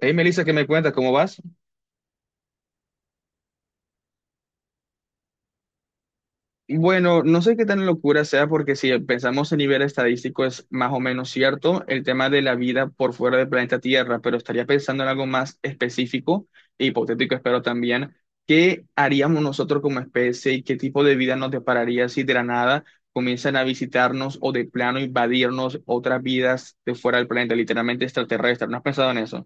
Hey, Melissa, ¿qué me cuentas? ¿Cómo vas? Bueno, no sé qué tan locura sea porque si pensamos en nivel estadístico es más o menos cierto el tema de la vida por fuera del planeta Tierra, pero estaría pensando en algo más específico e hipotético, espero también. ¿Qué haríamos nosotros como especie y qué tipo de vida nos depararía si de la nada comienzan a visitarnos o de plano invadirnos otras vidas de fuera del planeta, literalmente extraterrestres? ¿No has pensado en eso?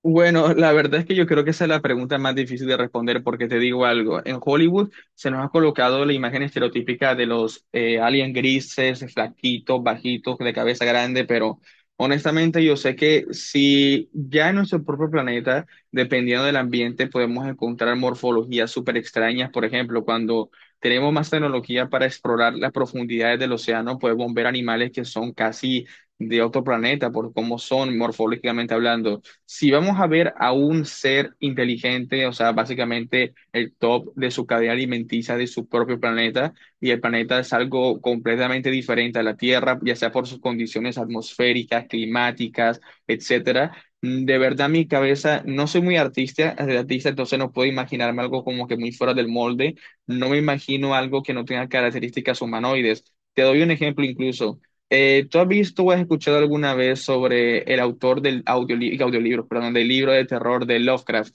Bueno, la verdad es que yo creo que esa es la pregunta más difícil de responder porque te digo algo, en Hollywood se nos ha colocado la imagen estereotípica de los aliens grises, flaquitos, bajitos, de cabeza grande, pero honestamente yo sé que si ya en nuestro propio planeta, dependiendo del ambiente, podemos encontrar morfologías súper extrañas, por ejemplo, cuando tenemos más tecnología para explorar las profundidades del océano, podemos ver animales que son casi de otro planeta por cómo son morfológicamente hablando si vamos a ver a un ser inteligente, o sea, básicamente el top de su cadena alimenticia de su propio planeta, y el planeta es algo completamente diferente a la Tierra, ya sea por sus condiciones atmosféricas, climáticas, etcétera. De verdad, mi cabeza, no soy muy artista, artista, entonces no puedo imaginarme algo como que muy fuera del molde. No me imagino algo que no tenga características humanoides. Te doy un ejemplo incluso. ¿Tú has visto o has escuchado alguna vez sobre el autor del audiolibro, perdón, del libro de terror de Lovecraft?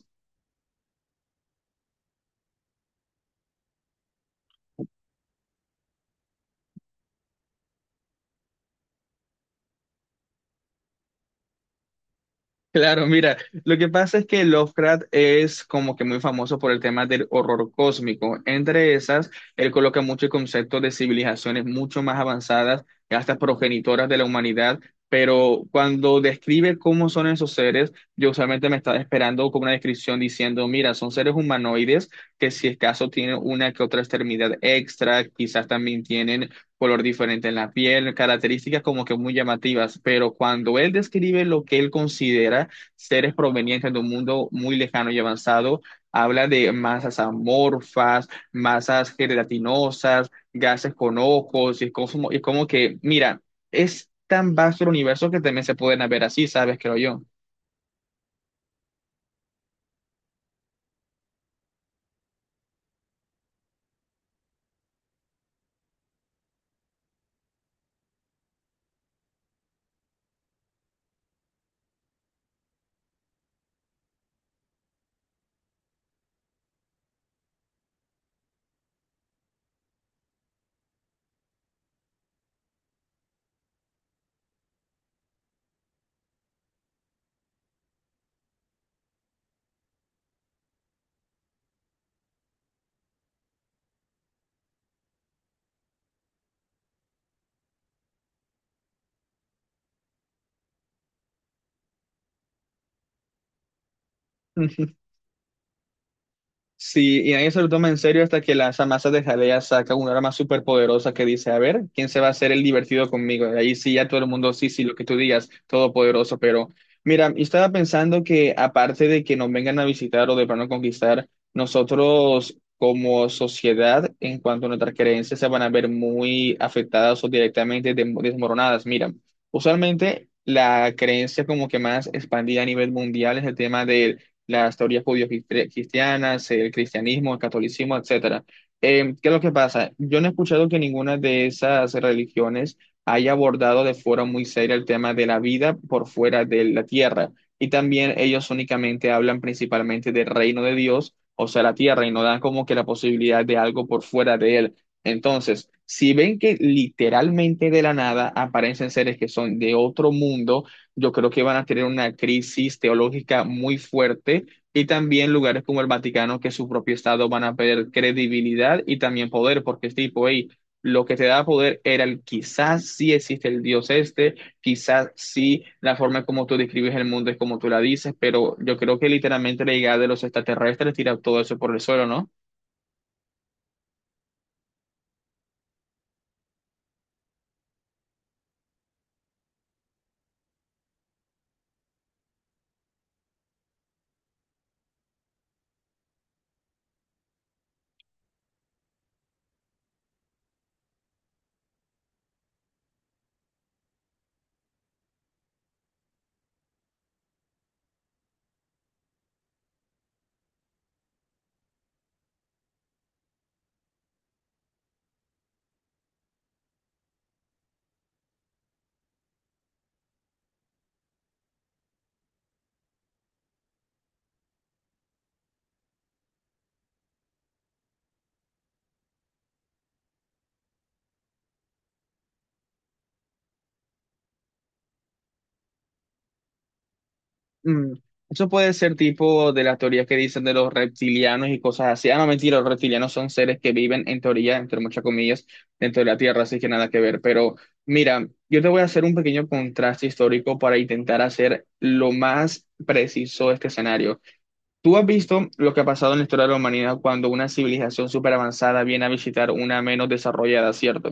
Claro, mira, lo que pasa es que Lovecraft es como que muy famoso por el tema del horror cósmico. Entre esas, él coloca muchos conceptos de civilizaciones mucho más avanzadas, hasta progenitoras de la humanidad, pero cuando describe cómo son esos seres, yo usualmente me estaba esperando como una descripción diciendo, mira, son seres humanoides que si es caso tienen una que otra extremidad extra, quizás también tienen color diferente en la piel, características como que muy llamativas, pero cuando él describe lo que él considera seres provenientes de un mundo muy lejano y avanzado, habla de masas amorfas, masas gelatinosas, gases con ojos, y es como que, mira, es tan vasto el universo que también se pueden ver así, ¿sabes? Creo yo. Sí, y nadie se lo toma en serio hasta que las amasas de jalea saca una arma súper poderosa que dice, a ver, ¿quién se va a hacer el divertido conmigo? Y ahí sí, ya todo el mundo, sí, sí, lo que tú digas, todopoderoso, pero mira, yo estaba pensando que aparte de que nos vengan a visitar o de plano conquistar, nosotros como sociedad, en cuanto a nuestras creencias, se van a ver muy afectadas o directamente desmoronadas. Mira, usualmente la creencia como que más expandida a nivel mundial es el tema las teorías judío-cristianas, el cristianismo, el catolicismo, etcétera. ¿Qué es lo que pasa? Yo no he escuchado que ninguna de esas religiones haya abordado de forma muy seria el tema de la vida por fuera de la tierra. Y también ellos únicamente hablan principalmente del reino de Dios, o sea, la tierra, y no dan como que la posibilidad de algo por fuera de él. Entonces, si ven que literalmente de la nada aparecen seres que son de otro mundo, yo creo que van a tener una crisis teológica muy fuerte y también lugares como el Vaticano, que su propio Estado van a perder credibilidad y también poder, porque es tipo, hey, lo que te da poder era el quizás sí existe el Dios este, quizás sí la forma como tú describes el mundo es como tú la dices, pero yo creo que literalmente la llegada de los extraterrestres tira todo eso por el suelo, ¿no? Mm, Eso puede ser tipo de las teorías que dicen de los reptilianos y cosas así. Ah, no, mentira, los reptilianos son seres que viven en teoría, entre muchas comillas, dentro de la Tierra, así que nada que ver. Pero mira, yo te voy a hacer un pequeño contraste histórico para intentar hacer lo más preciso este escenario. Tú has visto lo que ha pasado en la historia de la humanidad cuando una civilización súper avanzada viene a visitar una menos desarrollada, ¿cierto?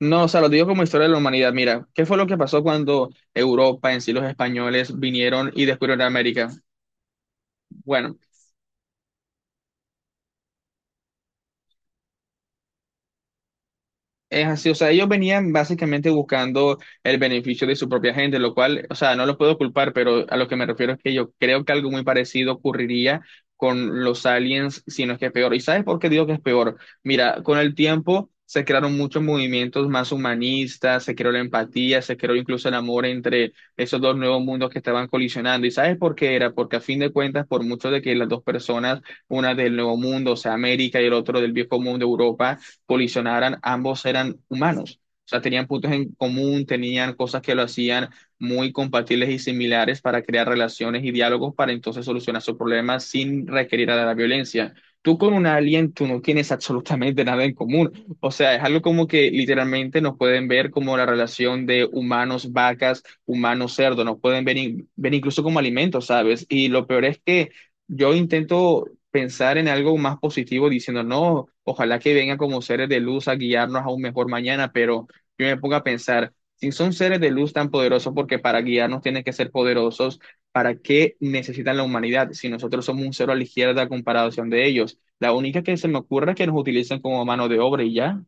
No, o sea, lo digo como historia de la humanidad. Mira, ¿qué fue lo que pasó cuando Europa, en sí los españoles, vinieron y descubrieron América? Bueno, es así, o sea, ellos venían básicamente buscando el beneficio de su propia gente, lo cual, o sea, no los puedo culpar, pero a lo que me refiero es que yo creo que algo muy parecido ocurriría con los aliens, si no es que es peor. ¿Y sabes por qué digo que es peor? Mira, con el tiempo se crearon muchos movimientos más humanistas, se creó la empatía, se creó incluso el amor entre esos dos nuevos mundos que estaban colisionando. ¿Y sabes por qué era? Porque a fin de cuentas, por mucho de que las dos personas, una del nuevo mundo, o sea, América y el otro del viejo mundo, Europa, colisionaran, ambos eran humanos. O sea, tenían puntos en común, tenían cosas que lo hacían muy compatibles y similares para crear relaciones y diálogos para entonces solucionar sus problemas sin requerir a la violencia. Tú con un alien, tú no tienes absolutamente nada en común. O sea, es algo como que literalmente nos pueden ver como la relación de humanos, vacas, humanos, cerdo. Nos pueden ver, ver incluso como alimentos, ¿sabes? Y lo peor es que yo intento pensar en algo más positivo diciendo, no, ojalá que vengan como seres de luz a guiarnos a un mejor mañana, pero yo me pongo a pensar, si son seres de luz tan poderosos, porque para guiarnos tienen que ser poderosos, ¿para qué necesitan la humanidad si nosotros somos un cero a la izquierda a comparación de ellos? La única que se me ocurre es que nos utilizan como mano de obra y ya.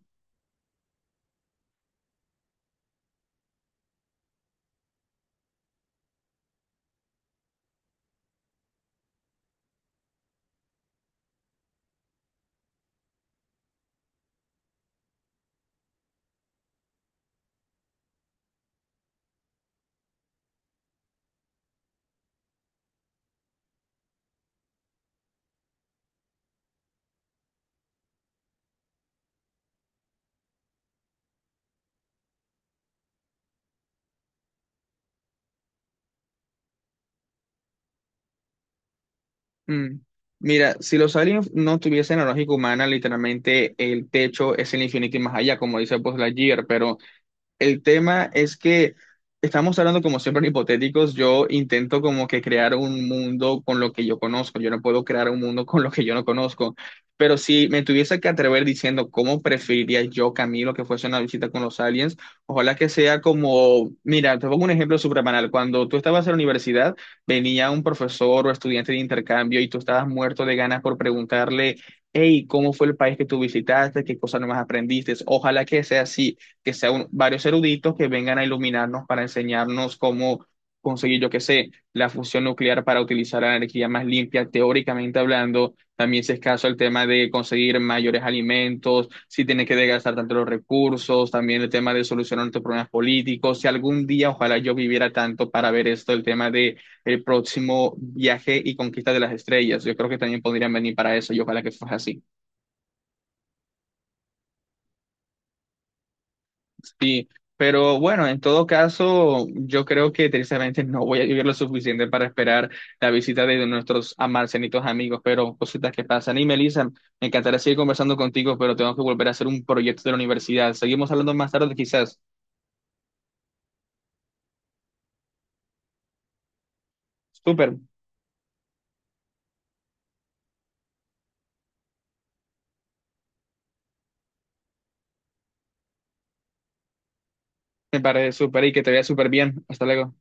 Mm. Mira, si los aliens no tuviesen la lógica humana, literalmente el techo es el infinito y más allá, como dice pues Lightyear, pero el tema es que estamos hablando como siempre en hipotéticos. Yo intento como que crear un mundo con lo que yo conozco. Yo no puedo crear un mundo con lo que yo no conozco. Pero si me tuviese que atrever diciendo cómo preferiría yo, Camilo, que fuese una visita con los aliens, ojalá que sea como, mira, te pongo un ejemplo súper banal. Cuando tú estabas en la universidad, venía un profesor o estudiante de intercambio y tú estabas muerto de ganas por preguntarle, hey, ¿cómo fue el país que tú visitaste? ¿Qué cosas nomás aprendiste? Ojalá que sea así, que sean varios eruditos que vengan a iluminarnos para enseñarnos cómo conseguir, yo qué sé, la fusión nuclear para utilizar la energía más limpia, teóricamente hablando. También si es caso el tema de conseguir mayores alimentos, si tienes que desgastar tanto los recursos, también el tema de solucionar tus problemas políticos. Si algún día, ojalá yo viviera tanto para ver esto, el tema de el próximo viaje y conquista de las estrellas. Yo creo que también podrían venir para eso y ojalá que fuese así. Sí, pero bueno, en todo caso, yo creo que tristemente no voy a vivir lo suficiente para esperar la visita de nuestros amarcenitos amigos, pero cositas que pasan. Y Melissa, me encantaría seguir conversando contigo, pero tengo que volver a hacer un proyecto de la universidad. Seguimos hablando más tarde, quizás. Súper, me parece súper y que te vea súper bien. Hasta luego.